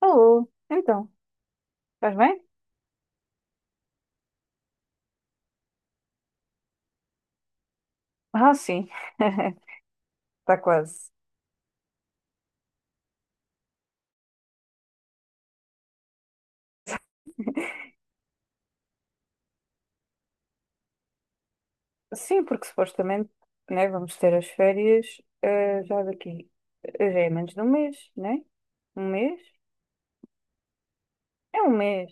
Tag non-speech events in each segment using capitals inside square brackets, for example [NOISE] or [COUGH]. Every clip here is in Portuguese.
Alô, então, estás bem? Ah, sim, [LAUGHS] está quase. Sim, porque supostamente, né, vamos ter as férias, já daqui, já é menos de um mês, né? Um mês? É um mês,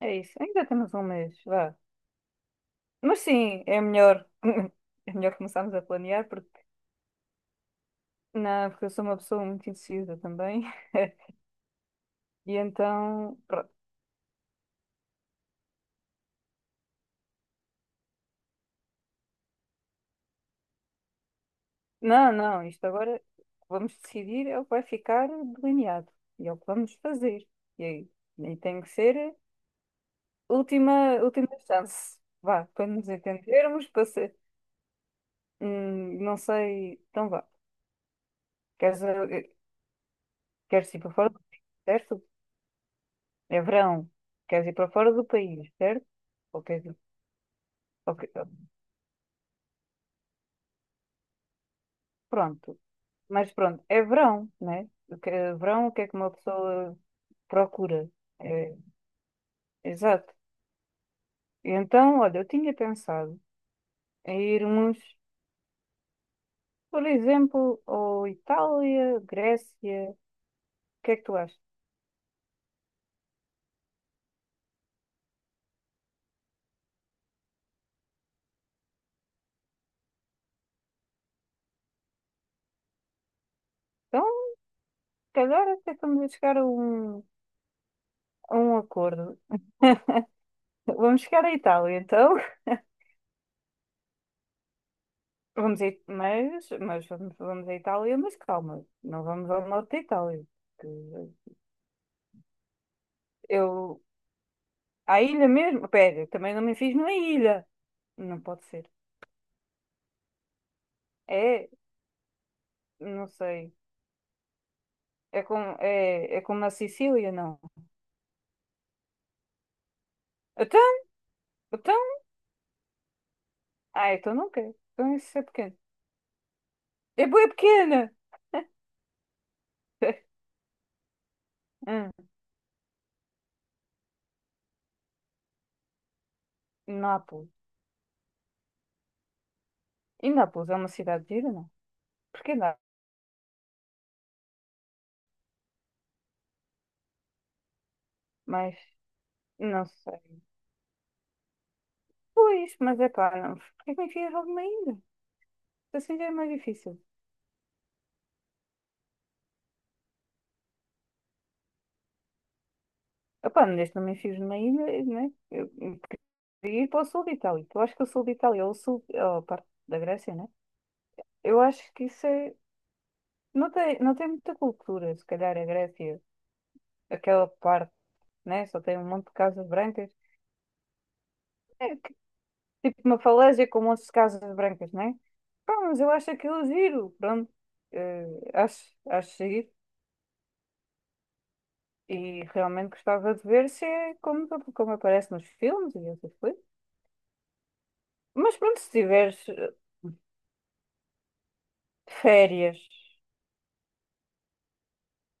é isso, ainda temos um mês, vá. Mas sim, é melhor, [LAUGHS] é melhor começarmos a planear, porque, não, porque eu sou uma pessoa muito indecisa também, e então, pronto. Não, não, isto agora vamos decidir é o que vai ficar delineado e é o que vamos fazer. E aí, e tem que ser última, última chance. Vá, para nos entendermos, para ser, não sei, então vá. Queres, eh, queres ir para fora do país, certo? É verão. Queres ir para fora do país, certo? Ou queres ir- ok. Pronto. Mas pronto, é verão, né? Verão, o que é que uma pessoa procura? É, exato. Então, olha, eu tinha pensado a irmos, por exemplo, ao Itália, Grécia. O que é que tu achas? Então, se calhar até estamos a chegar a um acordo. Vamos chegar à Itália, então. [LAUGHS] Vamos a, It- mas vamos à Itália, mas calma, não vamos ao norte da Itália. Que Eu, à ilha mesmo? Pera, também não me fiz numa ilha. Não pode ser. É, não sei. É como na Sicília, não. Então, então, ah, então não quero. Então isso é pequeno. É bué pequena! Hum, Nápoles. E Nápoles é uma cidade gira, não? Porque dá, mas não sei. Pois, mas é pá, não. Porquê que me enfias logo numa ilha? Assim já é mais difícil. Epá, não deixe-me enfios numa ilha, né? Eu queria ir para o sul de Itália. Eu acho que o sul de Itália, ou o sul, ou a parte da Grécia, né? Eu acho que isso é. Não tem muita cultura, se calhar a Grécia, aquela parte, né? Só tem um monte de casas brancas. É que- tipo uma falésia com um monte de casas brancas, né? Pá, mas eu acho aquilo giro, pronto. Acho giro. E realmente gostava de ver se é como aparece nos filmes e essas coisas. Mas pronto, se tiveres férias,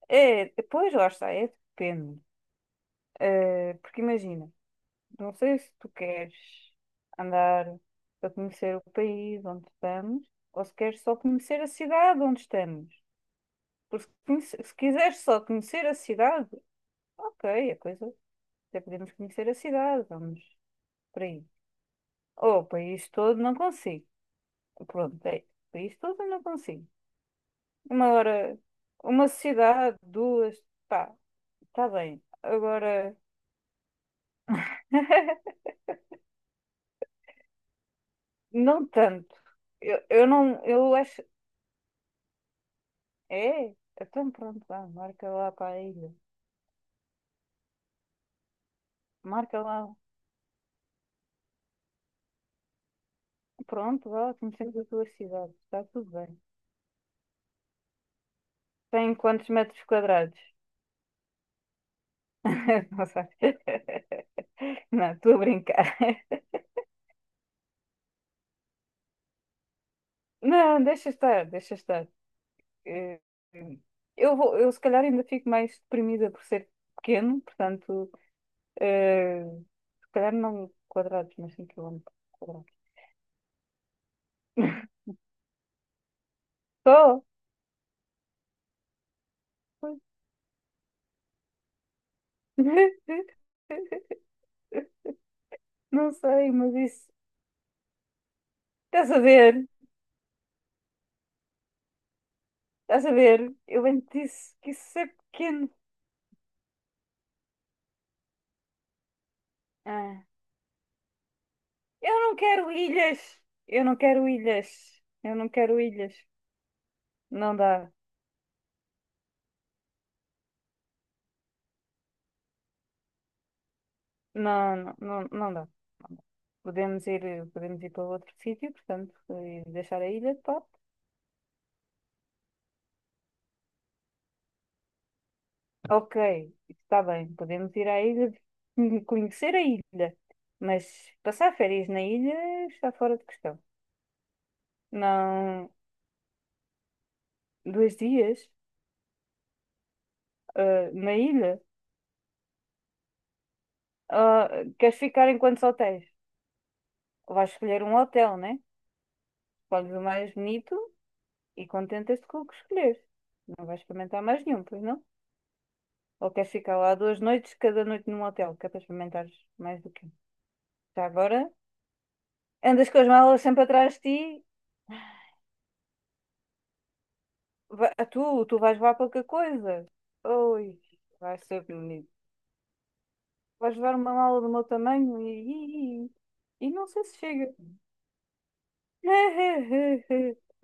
é, depois lá está, é depende. Porque imagina, não sei se tu queres andar a conhecer o país onde estamos, ou se queres só conhecer a cidade onde estamos. Porque se quiseres só conhecer a cidade, ok, a coisa. Até podemos conhecer a cidade, vamos. Por aí. Ou o país todo não consigo. Pronto, é. O país todo não consigo. Uma hora, uma sociedade, duas, pá, está bem. Agora, não tanto. Eu não, eu acho. É, então pronto, vá, marca lá para a ilha. Marca lá. Pronto, vá, conhecemos a tua cidade. Está tudo bem. Tem quantos metros quadrados? [LAUGHS] Não sei. [LAUGHS] Não, estou a brincar. [LAUGHS] Não, deixa estar, deixa estar. eh, eu se calhar ainda fico mais deprimida por ser pequeno, portanto, eh, se calhar não quadrados, mas 5 km quadrados. Só? Pois. [LAUGHS] Não sei, mas isso. Estás a ver? Estás a ver? Eu bem te disse que isso é pequeno. Ah. Eu não quero ilhas! Eu não quero ilhas! Eu não quero ilhas! Não dá. Não, não, não, não dá. Podemos ir, podemos ir para outro sítio, portanto, e deixar a ilha de pá. Ok, está bem. Podemos ir à ilha, [LAUGHS] conhecer a ilha, mas passar férias na ilha está fora de questão. Não, 2 dias, ah, na ilha. Ah, queres ficar em quantos hotéis? Vais escolher um hotel, né? Escolhes o mais bonito e contentas-te com o que escolheres. Não vais experimentar mais nenhum, pois não? Ou queres ficar lá 2 noites, cada noite num hotel, que é para experimentares mais do que um. Já agora, andas com as malas sempre atrás de ti. A tu vais levar qualquer coisa. Oi, vai ser bonito. Vais levar uma mala do meu tamanho e não sei se chega. [LAUGHS]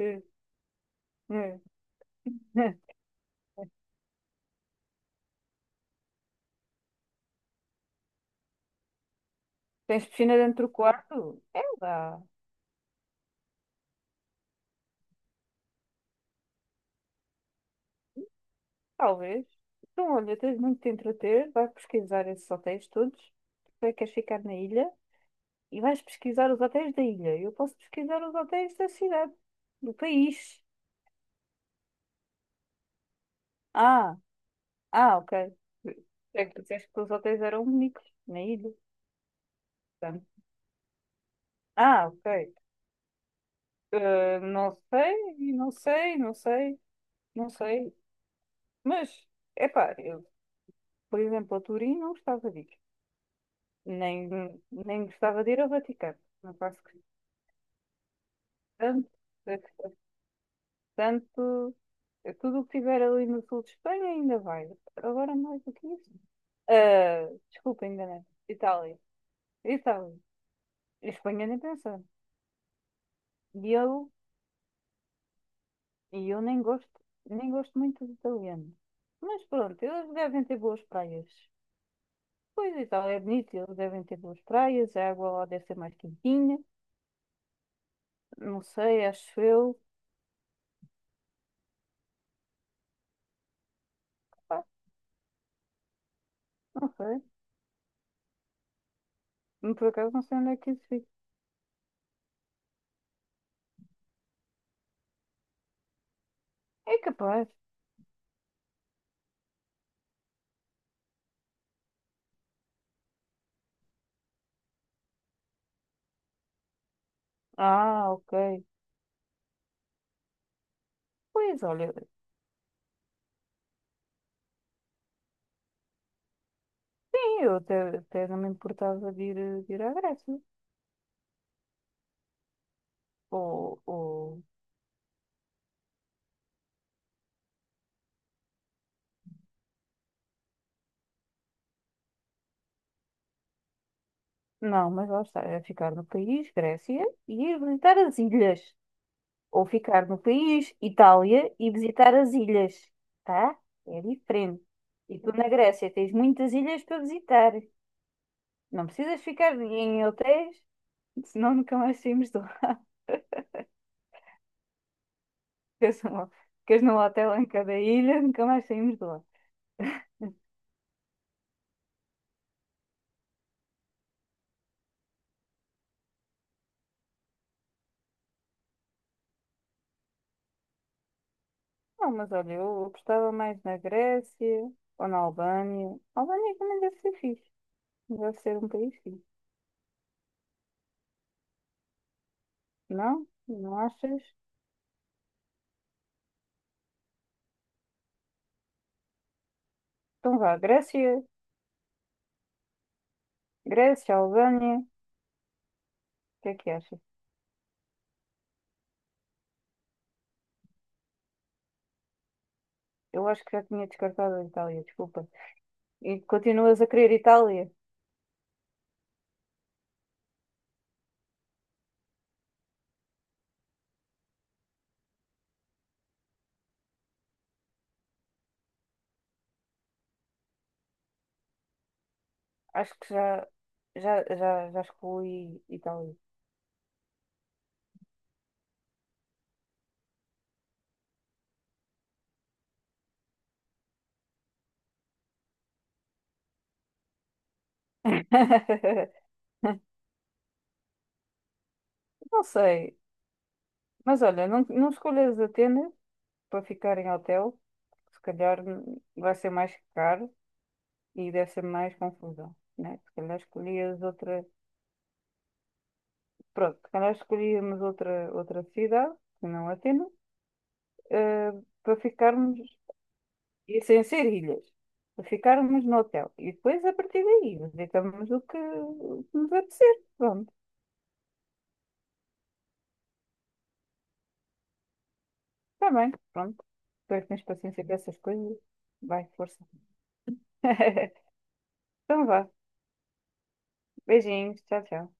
Tens piscina dentro do quarto? É, dá. Talvez. Então, olha, tens muito de te entreter. Vais pesquisar esses hotéis todos. Tu é que queres ficar na ilha e vais pesquisar os hotéis da ilha. Eu posso pesquisar os hotéis da cidade, do país. Ah! Ah, ok. É que disseste que os hotéis eram únicos na ilha. Portanto. Ah, ok. Não sei, não sei, não sei, não sei. Mas, epá, eu, por exemplo, a Turim não gostava de ir. Nem, nem gostava de ir ao Vaticano. Não faço questão. Portanto, tudo o que tiver ali no sul de Espanha ainda vai. Agora mais do que isso. Ah, desculpa, enganei. Itália. Itália. Espanha nem pensar. E eu E eu nem gosto muito de italiano. Mas pronto, eles devem ter boas praias. Pois Itália é bonito, eles devem ter boas praias, a água lá deve ser mais quentinha. Não sei, acho eu. Pá, não sei. Por acaso não sei onde é que isso fica. É capaz. Ah, ok. Pois olha, sim, eu até não me importava de ir à Grécia. Ou... Não, mas lá está, é ficar no país, Grécia, e ir visitar as ilhas. Ou ficar no país, Itália, e visitar as ilhas, tá? É diferente. E tu na Grécia tens muitas ilhas para visitar. Não precisas ficar em hotéis, senão nunca mais saímos de lá. [LAUGHS] Ficas num ficas num hotel em cada ilha, nunca mais saímos de lá. Não, mas olha, eu gostava mais na Grécia ou na Albânia. A Albânia também deve ser fixe. Deve ser um país fixe. Não? Não achas? Então vá, Grécia, Albânia. O que é que achas? Eu acho que já tinha descartado a Itália, desculpa. E continuas a querer Itália? Acho que já excluí Itália. [LAUGHS] Não sei. Mas olha, não, não escolhas Atenas para ficar em hotel. Se calhar vai ser mais caro e deve ser mais confusão, né? Se calhar escolhias outra... Pronto, se calhar escolhíamos outra cidade, que não Atenas, eh, para ficarmos e sem ser ilhas, ficarmos no hotel. E depois, a partir daí, visitamos o que nos apetecer. Pronto, está bem, pronto. Espero que tens paciência com essas coisas. Vai, força. [LAUGHS] Então vá. Beijinhos. Tchau, tchau.